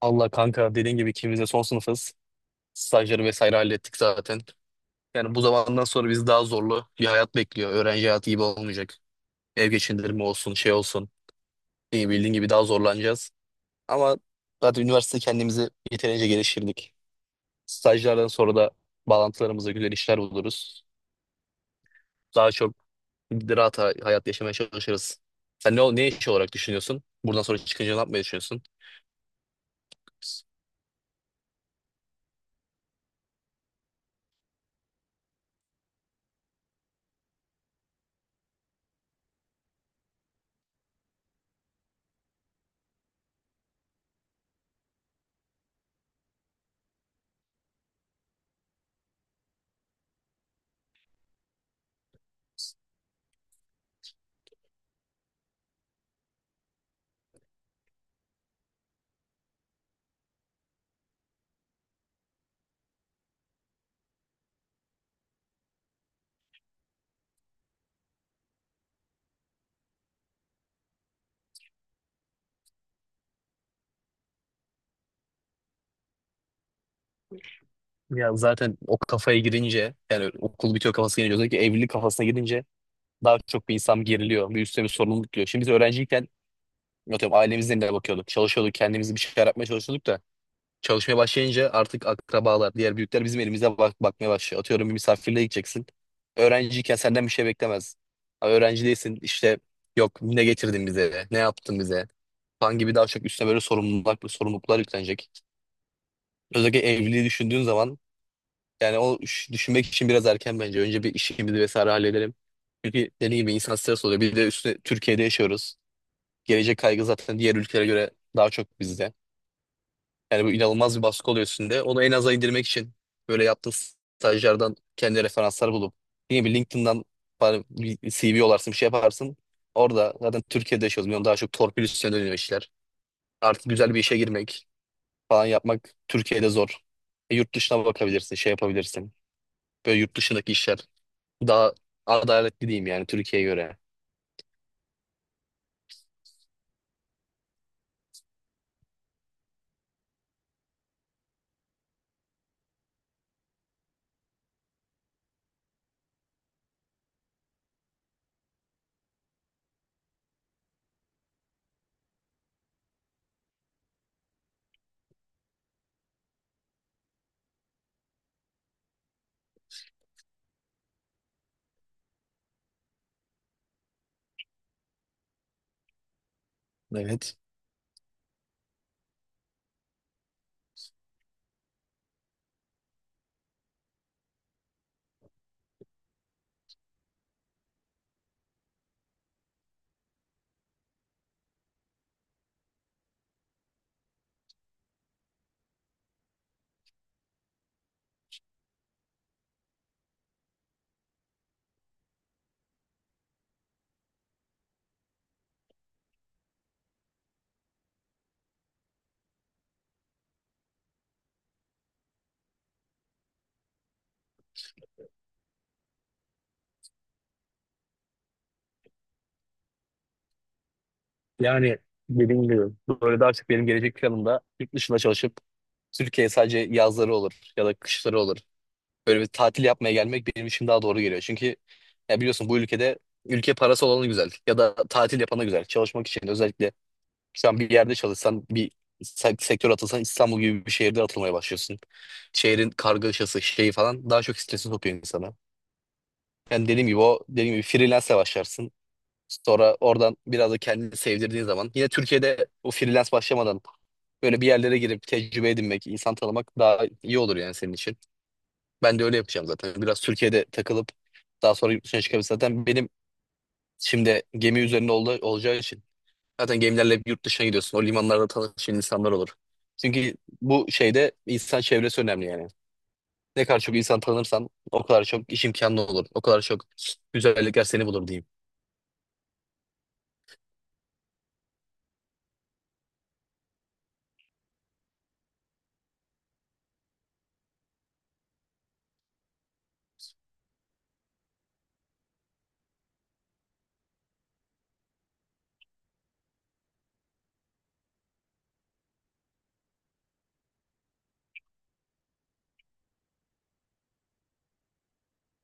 Allah kanka dediğin gibi ikimiz de son sınıfız. Stajları vesaire hallettik zaten. Yani bu zamandan sonra bizi daha zorlu bir hayat bekliyor. Öğrenci hayatı gibi olmayacak. Ev geçindirme olsun, şey olsun. İyi bildiğin gibi daha zorlanacağız. Ama zaten üniversite kendimizi yeterince geliştirdik. Stajlardan sonra da bağlantılarımıza güzel işler buluruz. Daha çok rahat hayat yaşamaya çalışırız. Sen ne iş olarak düşünüyorsun? Buradan sonra çıkınca ne yapmayı düşünüyorsun? Ya zaten o kafaya girince yani okul bitiyor kafasına girince özellikle evlilik kafasına girince daha çok bir insan geriliyor. Bir üstüne bir sorumluluk geliyor. Şimdi biz öğrenciyken atıyorum ailemizden de bakıyorduk. Çalışıyorduk kendimizi bir şeyler yapmaya çalışıyorduk da çalışmaya başlayınca artık akrabalar diğer büyükler bizim elimize bakmaya başlıyor. Atıyorum bir misafirliğe gideceksin. Öğrenciyken senden bir şey beklemez. Ama öğrenci değilsin işte, yok ne getirdin bize, ne yaptın bize. Kan gibi daha çok üstüne böyle sorumluluklar, sorumluluklar yüklenecek. Özellikle evliliği düşündüğün zaman yani düşünmek için biraz erken bence. Önce bir işimizi vesaire halledelim. Çünkü dediğim gibi insan stres oluyor. Bir de üstüne Türkiye'de yaşıyoruz. Gelecek kaygı zaten diğer ülkelere göre daha çok bizde. Yani bu inanılmaz bir baskı oluyor üstünde. Onu en aza indirmek için böyle yaptığın stajlardan kendi referanslar bulup yine bir LinkedIn'dan falan bir CV yollarsın, bir şey yaparsın. Orada zaten Türkiye'de yaşıyoruz. Biliyorum daha çok torpil üstüne dönüyor işler. Artık güzel bir işe girmek, falan yapmak Türkiye'de zor. E, yurt dışına bakabilirsin, şey yapabilirsin. Böyle yurt dışındaki işler daha adaletli diyeyim yani Türkiye'ye göre. Evet. Yani dediğim gibi böyle de artık benim gelecek planımda yurt dışında çalışıp Türkiye'ye sadece yazları olur ya da kışları olur. Böyle bir tatil yapmaya gelmek benim için daha doğru geliyor. Çünkü ya biliyorsun bu ülkede ülke parası olanı güzel ya da tatil yapanı güzel. Çalışmak için özellikle sen bir yerde çalışsan, bir sektör atılsan İstanbul gibi bir şehirde atılmaya başlıyorsun. Şehrin kargaşası şeyi falan daha çok stresi sokuyor insana. Yani dediğim gibi freelance'e başlarsın. Sonra oradan biraz da kendini sevdirdiğin zaman yine Türkiye'de o freelance başlamadan böyle bir yerlere girip tecrübe edinmek, insan tanımak daha iyi olur yani senin için. Ben de öyle yapacağım zaten. Biraz Türkiye'de takılıp daha sonra yurt dışına çıkabilir zaten. Benim şimdi gemi üzerinde olacağı için zaten gemilerle hep yurt dışına gidiyorsun. O limanlarda tanıştığın insanlar olur. Çünkü bu şeyde insan çevresi önemli yani. Ne kadar çok insan tanırsan o kadar çok iş imkanı olur. O kadar çok güzellikler seni bulur diyeyim.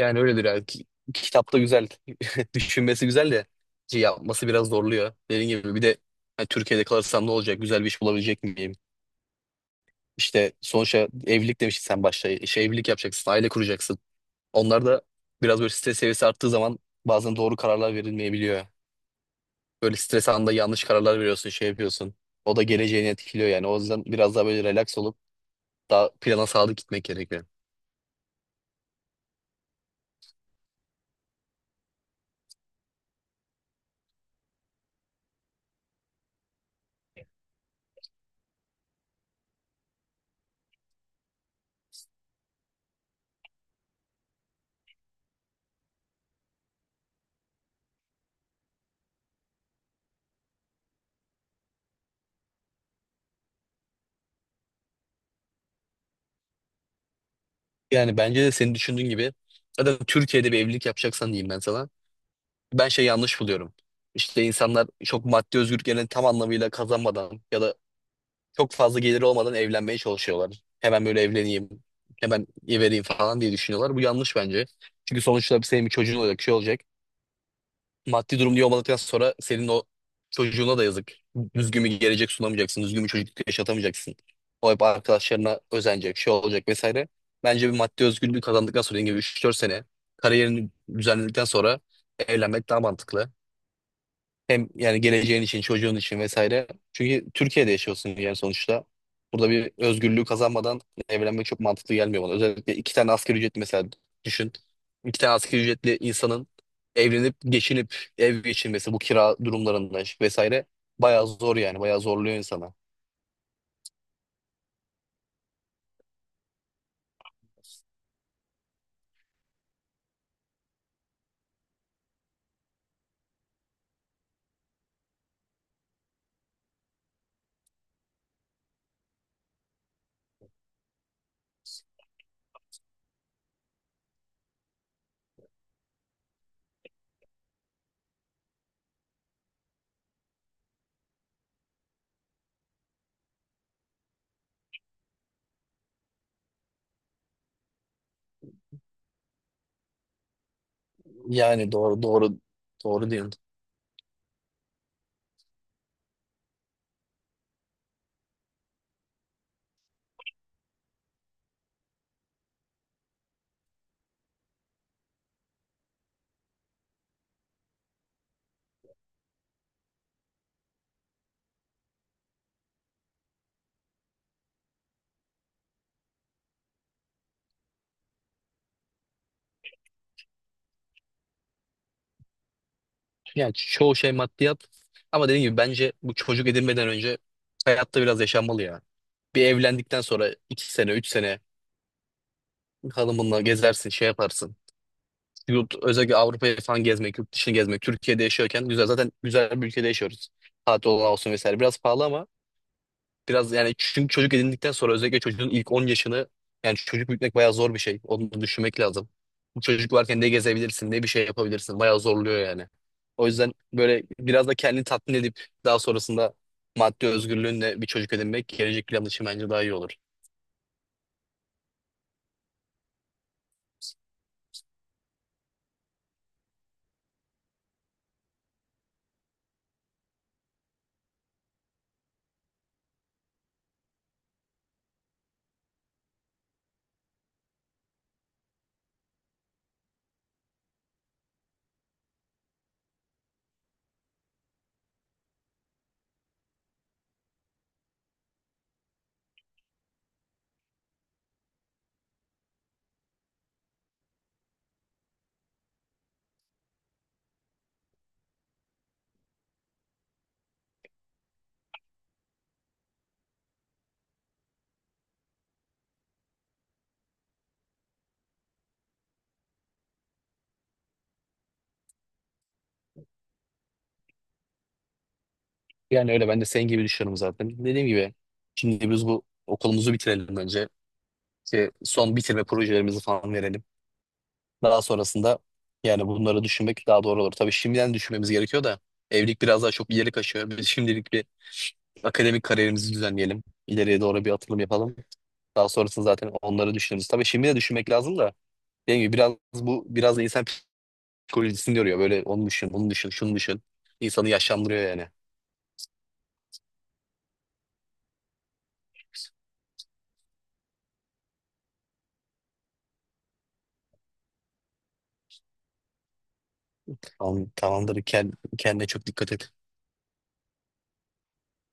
Yani öyledir yani. Kitapta güzel. Düşünmesi güzel de şey yapması biraz zorluyor. Dediğim gibi bir de hani Türkiye'de kalırsam ne olacak? Güzel bir iş bulabilecek miyim? İşte sonuçta evlilik demiştin sen başta. İşte evlilik yapacaksın, aile kuracaksın. Onlar da biraz böyle stres seviyesi arttığı zaman bazen doğru kararlar verilmeyebiliyor. Böyle stres anında yanlış kararlar veriyorsun, şey yapıyorsun. O da geleceğini etkiliyor yani. O yüzden biraz daha böyle relax olup daha plana sadık gitmek gerekiyor. Yani bence de senin düşündüğün gibi zaten Türkiye'de bir evlilik yapacaksan diyeyim ben sana. Ben şey yanlış buluyorum. İşte insanlar çok maddi özgürlüklerini tam anlamıyla kazanmadan ya da çok fazla geliri olmadan evlenmeye çalışıyorlar. Hemen böyle evleneyim, hemen vereyim falan diye düşünüyorlar. Bu yanlış bence. Çünkü sonuçta senin bir çocuğun olacak, şey olacak. Maddi durum iyi olmadıktan sonra senin o çocuğuna da yazık. Düzgün bir gelecek sunamayacaksın. Düzgün bir çocukluk yaşatamayacaksın. O hep arkadaşlarına özenecek, şey olacak vesaire. Bence bir maddi özgürlüğü kazandıktan sonra dediğim gibi 3 4 sene kariyerini düzenledikten sonra evlenmek daha mantıklı. Hem yani geleceğin için, çocuğun için vesaire. Çünkü Türkiye'de yaşıyorsun yani sonuçta. Burada bir özgürlüğü kazanmadan evlenmek çok mantıklı gelmiyor bana. Özellikle iki tane asgari ücretli mesela düşün. İki tane asgari ücretli insanın evlenip geçinip ev geçirmesi, bu kira durumlarında vesaire bayağı zor yani. Bayağı zorluyor insana. Yani doğru, doğru, doğru diyorsun. Yani çoğu şey maddiyat ama dediğim gibi bence bu çocuk edinmeden önce hayatta biraz yaşanmalı ya. Bir evlendikten sonra iki sene, üç sene hanımınla gezersin, şey yaparsın. Yurt, özellikle Avrupa'yı falan gezmek, yurt dışını gezmek. Türkiye'de yaşıyorken güzel. Zaten güzel bir ülkede yaşıyoruz. Tatil olan olsun vesaire. Biraz pahalı ama biraz yani çünkü çocuk edindikten sonra özellikle çocuğun ilk 10 yaşını yani çocuk büyütmek bayağı zor bir şey. Onu da düşünmek lazım. Bu çocuk varken ne gezebilirsin, ne bir şey yapabilirsin. Bayağı zorluyor yani. O yüzden böyle biraz da kendini tatmin edip daha sonrasında maddi özgürlüğünle bir çocuk edinmek gelecek plan için bence daha iyi olur. Yani öyle ben de senin gibi düşünüyorum zaten. Dediğim gibi şimdi biz bu okulumuzu bitirelim önce. İşte son bitirme projelerimizi falan verelim. Daha sonrasında yani bunları düşünmek daha doğru olur. Tabii şimdiden düşünmemiz gerekiyor da evlilik biraz daha çok ileri kaçıyor. Biz şimdilik bir akademik kariyerimizi düzenleyelim. İleriye doğru bir atılım yapalım. Daha sonrasında zaten onları düşünürüz. Tabii şimdi de düşünmek lazım da dediğim gibi biraz bu biraz da insan psikolojisini yoruyor. Böyle onu düşün, bunu düşün, şunu düşün. İnsanı yaşlandırıyor yani. Tamam, tamamdır. Kendine çok dikkat et.